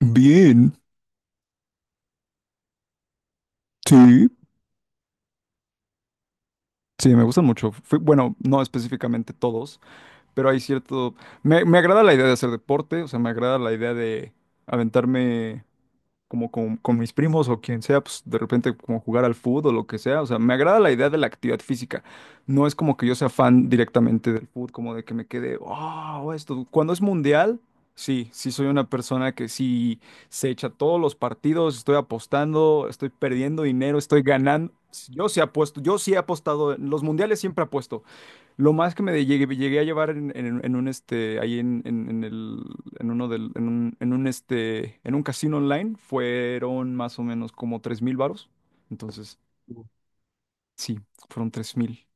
Bien, sí, sí, me gustan mucho. Bueno, no específicamente todos, pero hay cierto... Me agrada la idea de hacer deporte, o sea, me agrada la idea de aventarme como con mis primos o quien sea, pues de repente como jugar al fútbol o lo que sea. O sea, me agrada la idea de la actividad física. No es como que yo sea fan directamente del fútbol, como de que me quede, oh, esto. Cuando es mundial, sí, sí soy una persona que sí se echa todos los partidos, estoy apostando, estoy perdiendo dinero, estoy ganando. Yo sí apuesto, yo sí he apostado, en los mundiales siempre apuesto. Lo más que llegué, llegué a llevar en un este, ahí en el, en uno del, en un este, en un casino online fueron más o menos como tres mil varos. Entonces, sí, fueron tres mil.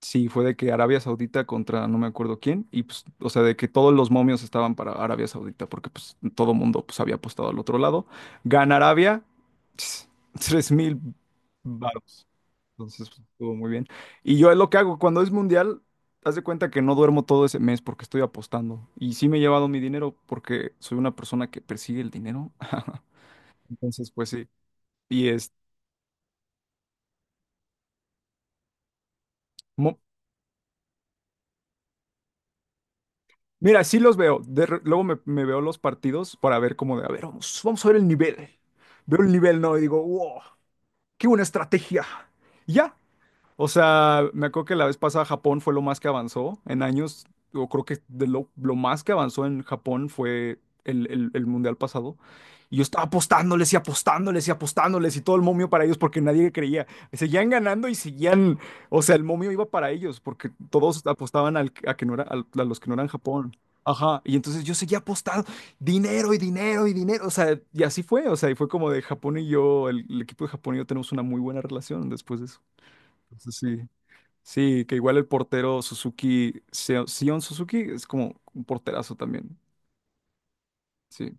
Sí, fue de que Arabia Saudita contra no me acuerdo quién, y pues, o sea, de que todos los momios estaban para Arabia Saudita, porque pues todo mundo pues había apostado al otro lado. Gana Arabia, tres mil varos. Entonces, pues, estuvo muy bien. Y yo es lo que hago cuando es mundial, haz de cuenta que no duermo todo ese mes porque estoy apostando. Y sí me he llevado mi dinero porque soy una persona que persigue el dinero. Entonces, pues sí. Y es, mira, sí los veo. Luego me veo los partidos para ver cómo de, a ver, vamos a ver el nivel. Veo el nivel, ¿no? Y digo, wow, qué buena estrategia. Y ya, o sea, me acuerdo que la vez pasada Japón fue lo más que avanzó en años. Yo creo que lo más que avanzó en Japón fue el mundial pasado. Y yo estaba apostándoles y apostándoles y apostándoles y todo el momio para ellos porque nadie creía. Seguían ganando y seguían. O sea, el momio iba para ellos porque todos apostaban al, a, que no era, al- a los que no eran Japón. Ajá. Y entonces yo seguía apostando dinero y dinero y dinero. O sea, y así fue. O sea, y fue como de Japón y yo, el equipo de Japón y yo tenemos una muy buena relación después de eso. Entonces sí. Sí, que igual el portero Suzuki, Sion Suzuki, es como un porterazo también. Sí.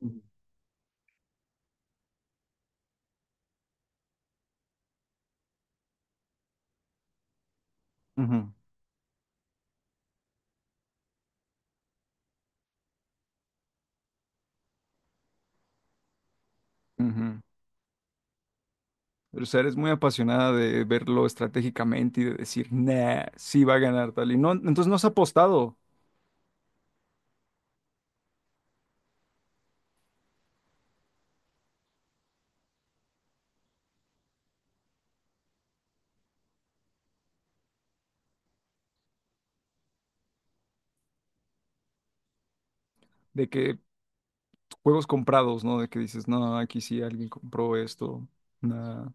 Ujú. Ujú. Pero, o sea, eres muy apasionada de verlo estratégicamente y de decir, nah, sí va a ganar tal. Y no, entonces no has apostado de que juegos comprados, ¿no? De que dices, no, aquí sí alguien compró esto. Nah.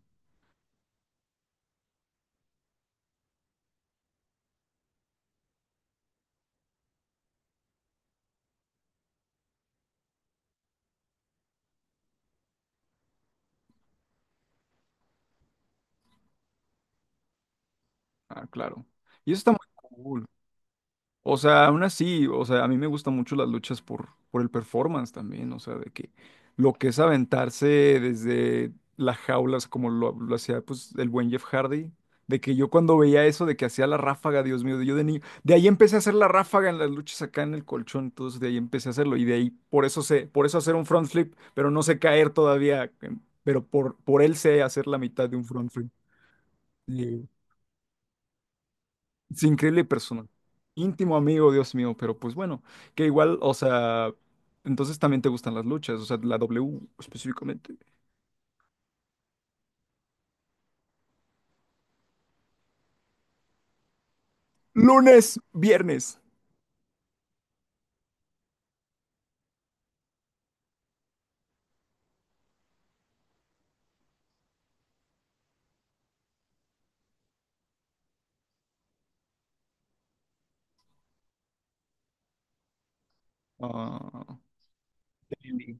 Ah, claro. Y eso está muy cool. O sea, aún así, o sea, a mí me gustan mucho las luchas por el performance también, o sea, de que lo que es aventarse desde las jaulas, como lo hacía pues el buen Jeff Hardy, de que yo cuando veía eso, de que hacía la ráfaga, Dios mío, yo de niño, de ahí empecé a hacer la ráfaga en las luchas acá en el colchón, entonces de ahí empecé a hacerlo y de ahí por eso sé, por eso hacer un front flip, pero no sé caer todavía, pero por él sé hacer la mitad de un front flip. Es increíble persona. Íntimo amigo, Dios mío, pero pues bueno, que igual, o sea, entonces también te gustan las luchas, o sea, la W específicamente. Lunes, viernes. Ah, sí.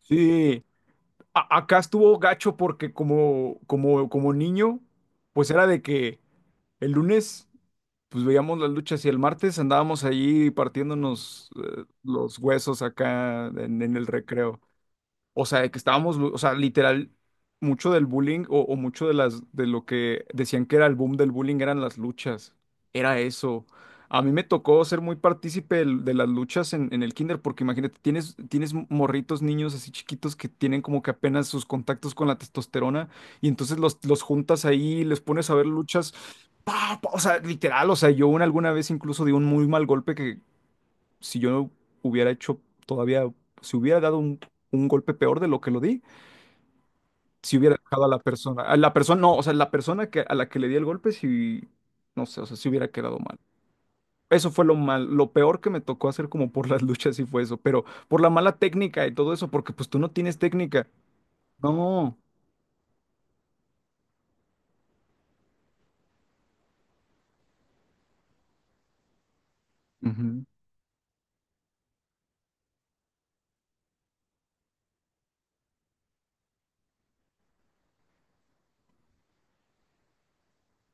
Sí, acá estuvo gacho porque como niño, pues era de que el lunes, pues veíamos las luchas y el martes andábamos allí partiéndonos los huesos acá en el recreo. O sea, de que estábamos, o sea, literal, mucho del bullying o mucho de las, de lo que decían que era el boom del bullying eran las luchas. Era eso. A mí me tocó ser muy partícipe de, las luchas en el kinder, porque imagínate, tienes morritos, niños así chiquitos que tienen como que apenas sus contactos con la testosterona, y entonces los juntas ahí, les pones a ver luchas. Pa, pa, o sea, literal, o sea, yo una, alguna vez incluso di un muy mal golpe si yo no hubiera hecho todavía, si hubiera dado un golpe peor de lo que lo di, si hubiera dejado a la persona, no, o sea, la persona que, a la que le di el golpe, si, no sé, o sea, si hubiera quedado mal. Eso fue lo mal, lo peor que me tocó hacer como por las luchas y fue eso, pero por la mala técnica y todo eso, porque pues tú no tienes técnica. No. Ujú,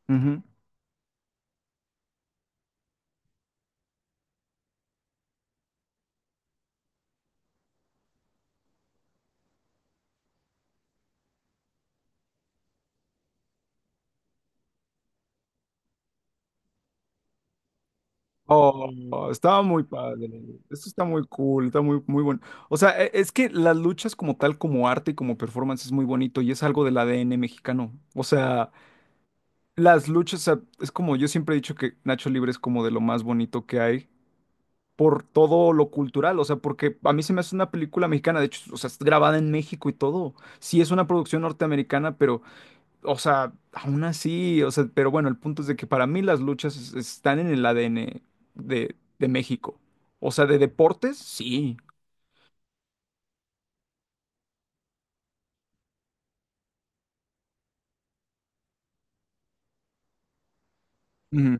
ujú. Oh, estaba muy padre. Esto está muy cool, está muy, muy bueno. O sea, es que las luchas como tal, como arte y como performance es muy bonito y es algo del ADN mexicano. O sea, las luchas, o sea, es como yo siempre he dicho que Nacho Libre es como de lo más bonito que hay por todo lo cultural. O sea, porque a mí se me hace una película mexicana, de hecho, o sea, es grabada en México y todo. Sí, es una producción norteamericana, pero o sea, aún así, o sea, pero bueno, el punto es de que para mí las luchas están en el ADN de México. O sea, de deportes, sí. Ujú.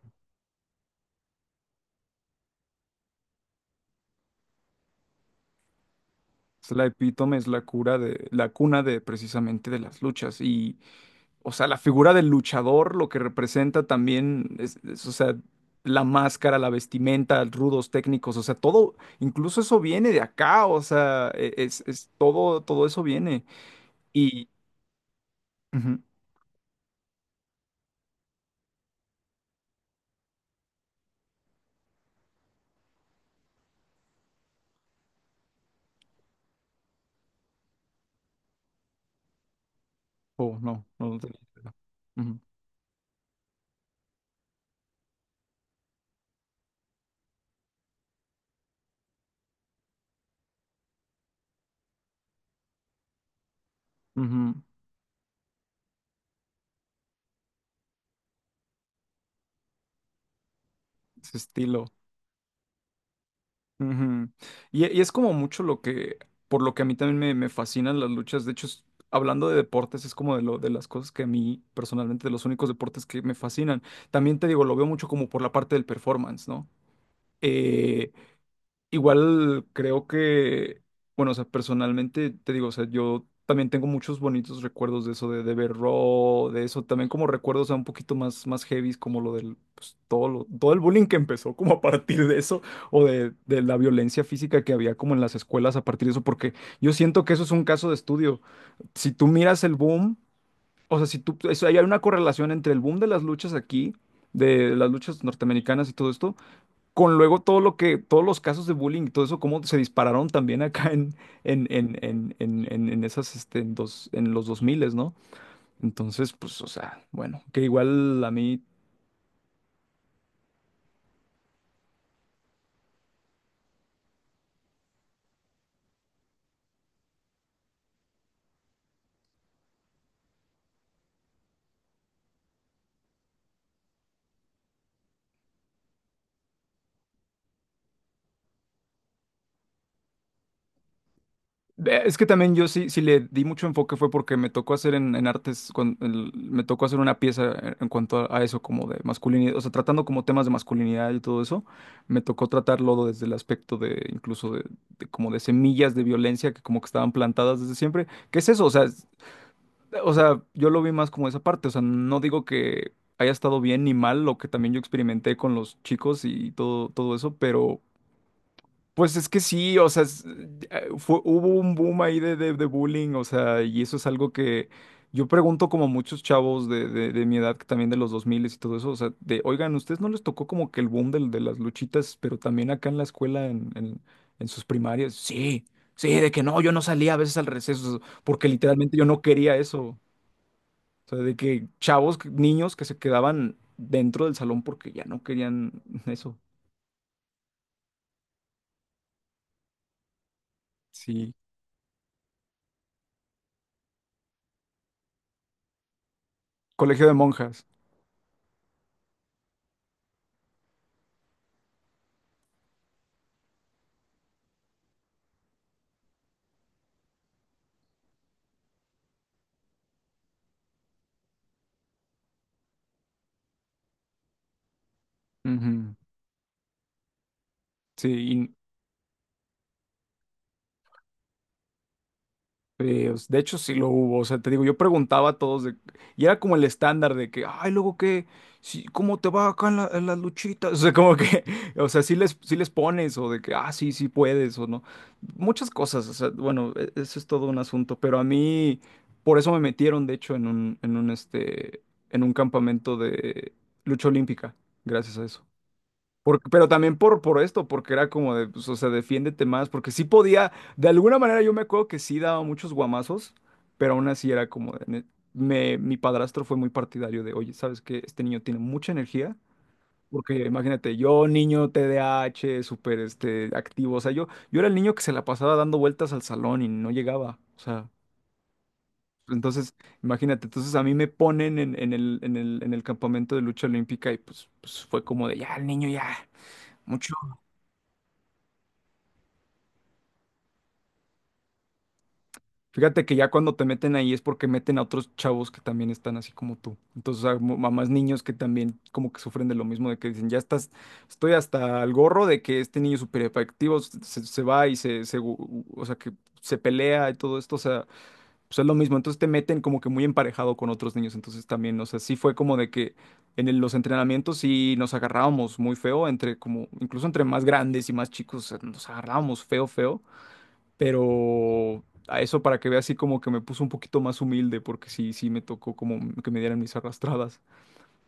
Es la epítome, es la cura de, la cuna de precisamente de las luchas. Y, o sea, la figura del luchador, lo que representa también, es, o sea, la máscara, la vestimenta, rudos técnicos, o sea, todo, incluso eso viene de acá, o sea, es todo, todo eso viene. Y, ujú. Oh, no, no, no tenía idea. Ujú. Ujú, ese estilo. Ujú. Y es como mucho lo que, por lo que a mí también me fascinan las luchas. De hecho, hablando de deportes, es como de, lo, de las cosas que a mí personalmente, de los únicos deportes que me fascinan. También te digo, lo veo mucho como por la parte del performance, ¿no? Eh, igual creo que, bueno, o sea, personalmente te digo, o sea, yo también tengo muchos bonitos recuerdos de eso, de ver Raw, de eso, también como recuerdos, o sea, un poquito más, más heavy, como lo del, pues, todo lo, todo el bullying que empezó como a partir de eso, o de la violencia física que había como en las escuelas a partir de eso, porque yo siento que eso es un caso de estudio. Si tú miras el boom, o sea, si tú, hay una correlación entre el boom de las luchas aquí, de las luchas norteamericanas y todo esto con luego todo lo que, todos los casos de bullying y todo eso, cómo se dispararon también acá en, en esas, este, en, dos, en los 2000, ¿no? Entonces, pues, o sea, bueno, que igual a mí, es que también yo sí, sí le di mucho enfoque fue porque me tocó hacer en artes, me tocó hacer una pieza en cuanto a eso, como de masculinidad, o sea, tratando como temas de masculinidad y todo eso, me tocó tratarlo desde el aspecto de, incluso de como de semillas de violencia que como que estaban plantadas desde siempre. ¿Qué es eso? O sea, o sea, yo lo vi más como esa parte, o sea, no digo que haya estado bien ni mal lo que también yo experimenté con los chicos y todo, todo eso, pero pues es que sí, o sea, fue, hubo un boom ahí de bullying, o sea, y eso es algo que yo pregunto como muchos chavos de mi edad, que también de los 2000 y todo eso, o sea, de, oigan, ¿ustedes no les tocó como que el boom de, las luchitas, pero también acá en la escuela, en sus primarias? Sí, sí, de que no, yo no salía a veces al receso, porque literalmente yo no quería eso. O sea, de que chavos, niños que se quedaban dentro del salón porque ya no querían eso. Sí, colegio de monjas. Ujú. Sí, sí, de hecho sí lo hubo, o sea, te digo, yo preguntaba a todos y era como el estándar de que, ay, luego qué, sí, ¿cómo te va acá en en las luchitas? O sea, como que, o sea, sí les pones o de que, ah, sí, sí puedes o no. Muchas cosas, o sea, bueno, eso es todo un asunto, pero a mí, por eso me metieron, de hecho, en un, este, en un campamento de lucha olímpica, gracias a eso. Pero también por esto, porque era como de, pues, o sea, defiéndete más, porque sí podía, de alguna manera yo me acuerdo que sí daba muchos guamazos, pero aún así era como de, mi padrastro fue muy partidario de, oye, ¿sabes qué? Este niño tiene mucha energía, porque imagínate, yo niño TDAH súper activo, o sea, yo era el niño que se la pasaba dando vueltas al salón y no llegaba, o sea, entonces, imagínate, entonces a mí me ponen en el campamento de lucha olímpica y pues, pues fue como de, ya, el niño ya. Mucho. Fíjate que ya cuando te meten ahí es porque meten a otros chavos que también están así como tú. Entonces, a mamás niños que también como que sufren de lo mismo, de que dicen, ya estás, estoy hasta el gorro de que este niño súper efectivo se va y o sea, que se pelea y todo esto, o sea, pues es lo mismo. Entonces te meten como que muy emparejado con otros niños. Entonces también, o sea, sí fue como de que los entrenamientos sí nos agarrábamos muy feo, entre como, incluso entre más grandes y más chicos, o sea, nos agarrábamos feo, feo. Pero a eso para que vea así como que me puso un poquito más humilde, porque sí, sí me tocó como que me dieran mis arrastradas.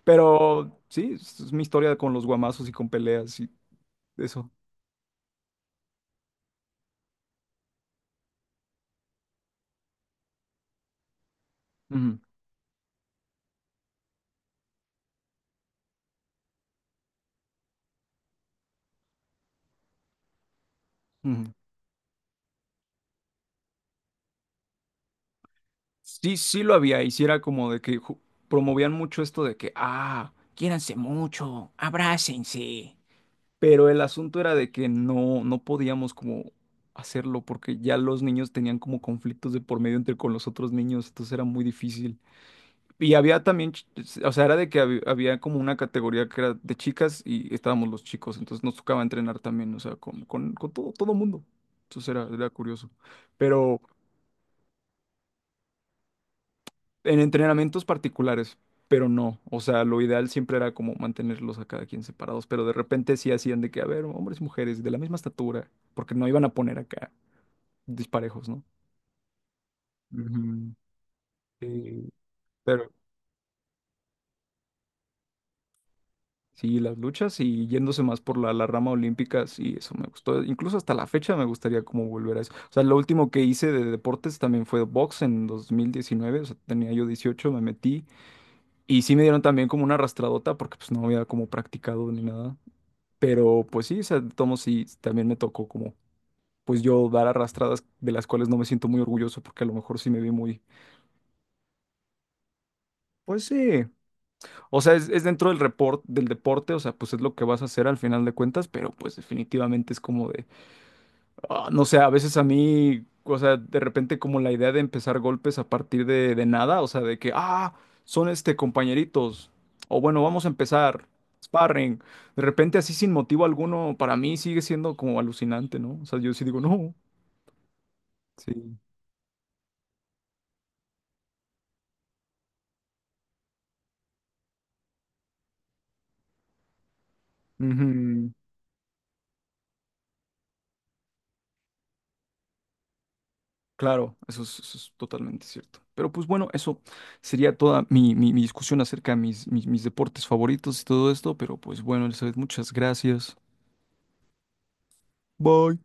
Pero sí, es mi historia con los guamazos y con peleas y eso. Ujú, ujú. Sí, sí lo había, y sí era como de que promovían mucho esto de que, ah, quiéranse mucho, abrácense. Pero el asunto era de que no, no podíamos como hacerlo porque ya los niños tenían como conflictos de por medio entre con los otros niños, entonces era muy difícil. Y había también, o sea, era de que había, como una categoría que era de chicas y estábamos los chicos, entonces nos tocaba entrenar también, o sea, con todo, todo mundo. Entonces era curioso. Pero en entrenamientos particulares, pero no, o sea, lo ideal siempre era como mantenerlos a cada quien separados, pero de repente sí hacían de que, a ver, hombres y mujeres de la misma estatura, porque no iban a poner acá disparejos, ¿no? Ujú. Sí. Sí, las luchas y yéndose más por la rama olímpica, sí, eso me gustó. Incluso hasta la fecha me gustaría como volver a eso. O sea, lo último que hice de deportes también fue box en 2019, o sea, tenía yo 18, me metí y sí me dieron también como una arrastradota porque pues no había como practicado ni nada. Pero pues sí, o sea, de todos modos, sí, también me tocó como pues yo dar arrastradas de las cuales no me siento muy orgulloso porque a lo mejor sí me vi muy, pues sí, o sea, es dentro del del deporte, o sea, pues es lo que vas a hacer al final de cuentas, pero pues definitivamente es como de… Ah, no sé, a veces a mí, o sea, de repente como la idea de empezar golpes a partir de nada, o sea, de que, ah, son este compañeritos, o bueno, vamos a empezar, sparring, de repente así sin motivo alguno, para mí sigue siendo como alucinante, ¿no? O sea, yo sí digo, no, sí. Ujú. Claro, eso es totalmente cierto. Pero pues bueno, eso sería toda mi, mi discusión acerca de mis, mis, mis deportes favoritos y todo esto, pero pues bueno, Elizabeth, muchas gracias. Bye.